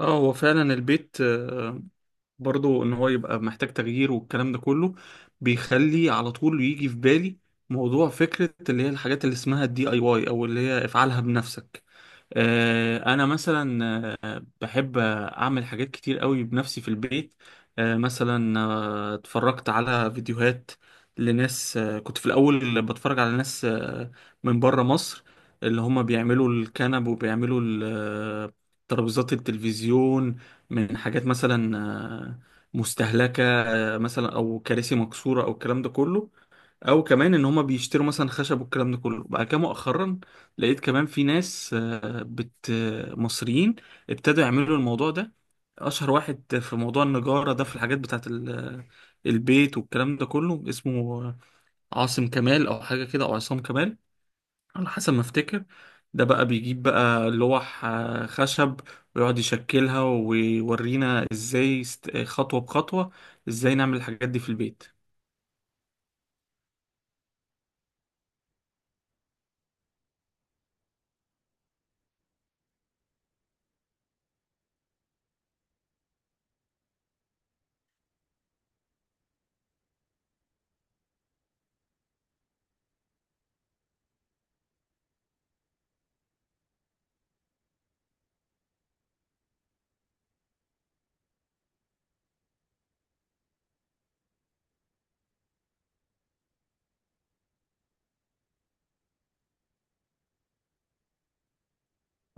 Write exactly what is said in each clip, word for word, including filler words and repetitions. اه هو فعلا البيت، آه، برضو ان هو يبقى محتاج تغيير والكلام ده كله بيخلي على طول يجي في بالي موضوع فكرة اللي هي الحاجات اللي اسمها الدي اي واي او اللي هي افعلها بنفسك. آه، انا مثلا آه، بحب اعمل حاجات كتير قوي بنفسي في البيت. آه، مثلا آه، اتفرجت على فيديوهات لناس، آه، كنت في الاول بتفرج على ناس آه، من بره مصر اللي هم بيعملوا الكنب وبيعملوا ال- آه، ترابيزات التلفزيون من حاجات مثلا آه، مستهلكة، آه، مثلا او كراسي مكسورة او الكلام ده كله، او كمان ان هما بيشتروا مثلا خشب والكلام ده كله. بعد كده مؤخرا لقيت كمان في ناس آه، بت آه، مصريين ابتدوا يعملوا الموضوع ده. اشهر واحد في موضوع النجارة ده في الحاجات بتاعت ال- البيت والكلام ده كله اسمه عاصم كمال او حاجة كده او عصام كمال على حسب ما افتكر. ده بقى بيجيب بقى لوح آه، خشب ويقعد يشكلها ويورينا ازاي است- خطوة بخطوة ازاي نعمل الحاجات دي في البيت.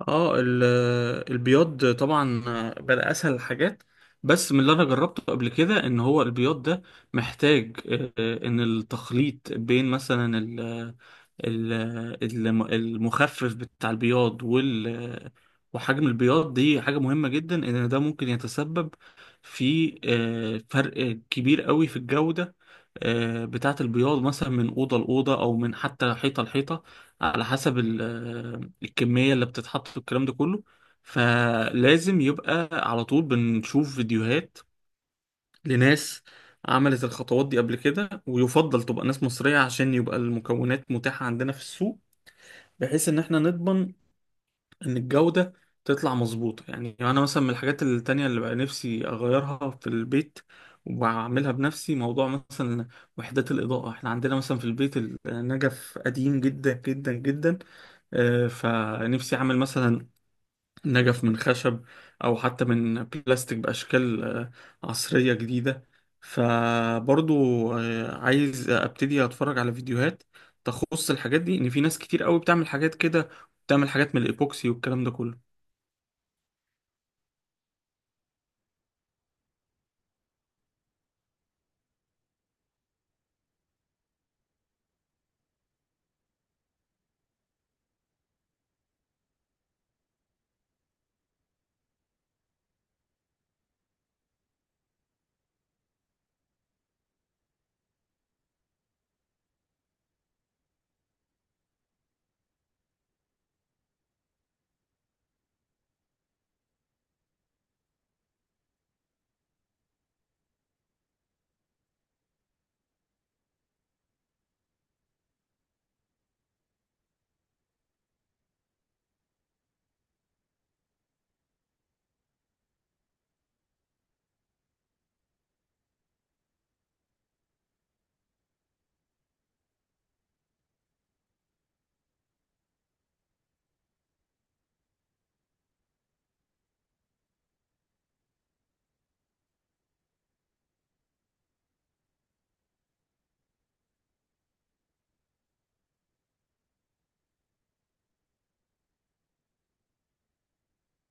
اه ال- البياض طبعا بقى اسهل الحاجات، بس من اللي انا جربته قبل كده ان هو البياض ده محتاج، آه، ان التخليط بين مثلا ال- ال- الم- المخفف بتاع البياض وال وحجم البياض دي حاجة مهمة جدا، ان ده ممكن يتسبب في آه، فرق كبير قوي في الجودة آه، بتاعة البياض، مثلا من أوضة لأوضة أو من حتى حيطة لحيطة على حسب الكمية اللي بتتحط والكلام ده كله. فلازم يبقى على طول بنشوف فيديوهات لناس عملت الخطوات دي قبل كده، ويفضل تبقى ناس مصرية عشان يبقى المكونات متاحة عندنا في السوق، بحيث ان احنا نضمن ان الجودة تطلع مظبوطة. يعني انا مثلا من الحاجات التانية اللي بقى نفسي اغيرها في البيت وبعملها بنفسي موضوع مثلا وحدات الإضاءة. احنا عندنا مثلا في البيت النجف قديم جدا جدا جدا، آه، فنفسي اعمل مثلا نجف من خشب أو حتى من بلاستيك بأشكال آه، عصرية جديدة. فبرضو آه، عايز أبتدي أتفرج على فيديوهات تخص الحاجات دي، إن في ناس كتير قوي بتعمل حاجات كده، بتعمل حاجات من الإيبوكسي والكلام ده كله.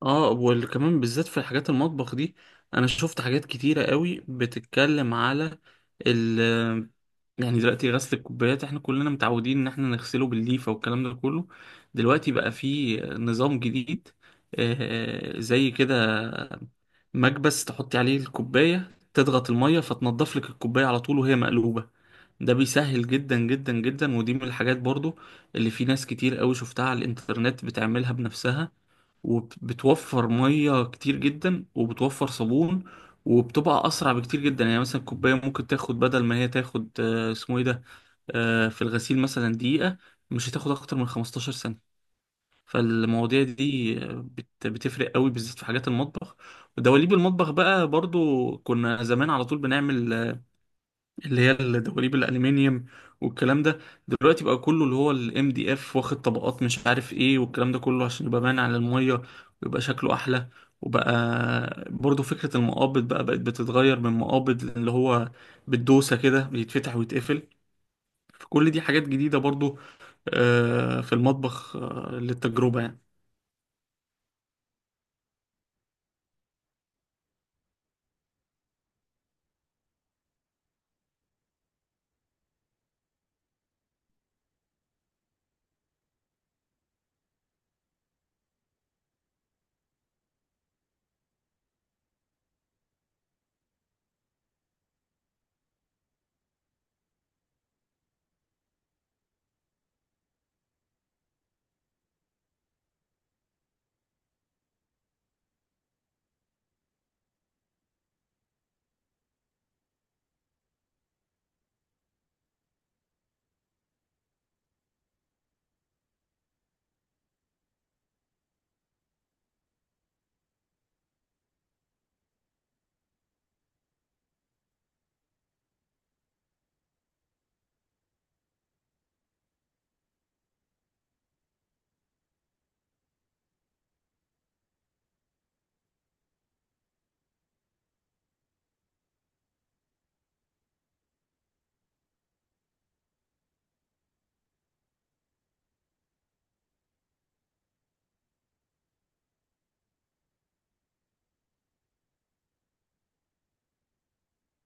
اه وكمان بالذات في حاجات المطبخ دي انا شفت حاجات كتيرة قوي بتتكلم على ال، يعني دلوقتي غسل الكوبايات احنا كلنا متعودين ان احنا نغسله بالليفة والكلام ده كله. دلوقتي بقى في نظام جديد آه، زي كده مكبس تحطي عليه الكوباية، تضغط المية فتنضف لك الكوباية على طول وهي مقلوبة. ده بيسهل جدا جدا جدا، ودي من الحاجات برضو اللي في ناس كتير قوي شفتها على الانترنت بتعملها بنفسها، وبتوفر ميه كتير جدا وبتوفر صابون، وبتبقى اسرع بكتير جدا. يعني مثلا الكوبايه ممكن تاخد بدل ما هي تاخد آه، اسمه ايه ده، آه، في الغسيل مثلا دقيقه، مش هتاخد اكتر من خمستاشر ثانيه. فالمواضيع دي آه، بت- بتفرق قوي بالذات في حاجات المطبخ. ودواليب المطبخ بقى برضو كنا زمان على طول بنعمل اللي هي الدواليب الالومنيوم والكلام ده. دلوقتي بقى كله اللي هو الام دي اف واخد طبقات مش عارف ايه والكلام ده كله عشان يبقى باين على الميه ويبقى شكله احلى. وبقى برضو فكرة المقابض بقى بقت بتتغير من مقابض اللي هو بالدوسة كده بيتفتح ويتقفل. فكل دي حاجات جديدة برضو آه، في المطبخ آه، للتجربة يعني.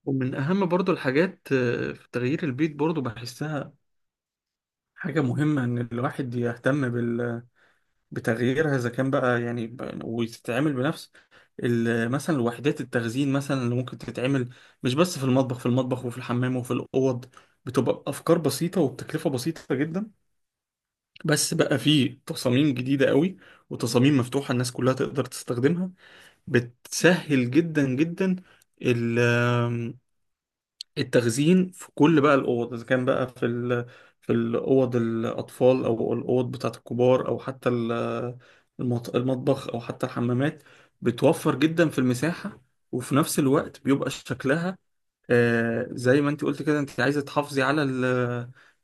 ومن أهم برضو الحاجات آه، في تغيير البيت، برضو بحسها حاجة مهمة إن الواحد يهتم بال بتغييرها، اذا كان بقى يعني ب- وتتعمل بنفس ال- مثلا وحدات التخزين مثلا اللي ممكن تتعمل مش بس في المطبخ، في المطبخ وفي الحمام وفي الاوض. بتبقى بافكار بسيطه وبتكلفه بسيطه جدا، بس بقى في تصاميم جديده قوي وتصاميم مفتوحه الناس كلها تقدر تستخدمها. بتسهل جدا جدا التخزين في كل بقى الاوض، اذا كان بقى في ال... في الاوض الاطفال او الاوض بتاعه الكبار او حتى ال- المط... المطبخ او حتى الحمامات. بتوفر جدا في المساحه، وفي نفس الوقت بيبقى شكلها آه، زي ما انت قلت كده، انت عايزه تحافظي على ال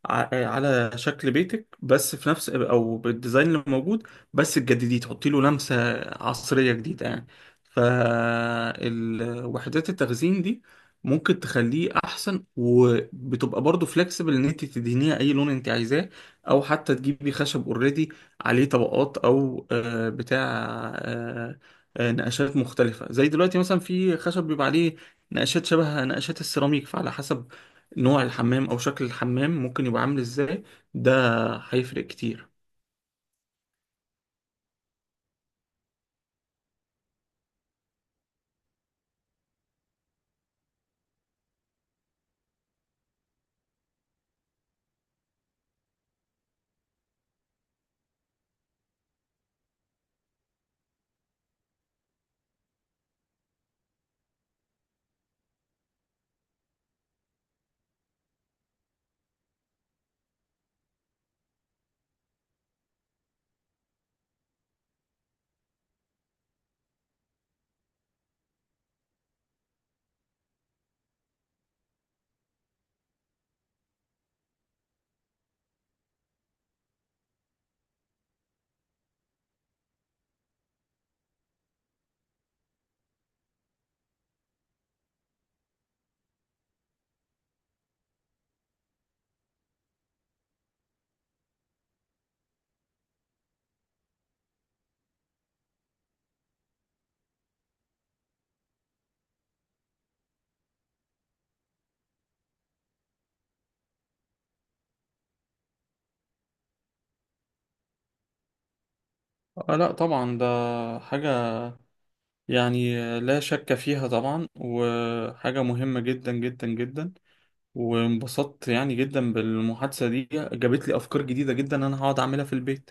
ع- على شكل بيتك بس في نفس او بالديزاين اللي موجود، بس تجدديه تحطي له لمسه عصريه جديده يعني. فالوحدات التخزين دي ممكن تخليه احسن، وبتبقى برضه فلكسبل ان انت تدهنيها اي لون انت عايزاه، او حتى تجيبي خشب اوريدي عليه طبقات او آه، بتاع آه، آه، نقشات مختلفه. زي دلوقتي مثلا في خشب بيبقى عليه نقشات شبه نقشات السيراميك. فعلى حسب نوع الحمام او شكل الحمام ممكن يبقى عامل ازاي، ده هيفرق كتير. آه لا طبعا ده حاجة يعني لا شك فيها طبعا، وحاجة مهمة جدا جدا جدا. وانبسطت يعني جدا بالمحادثة دي، جابت لي أفكار جديدة جدا أنا هقعد أعملها في البيت.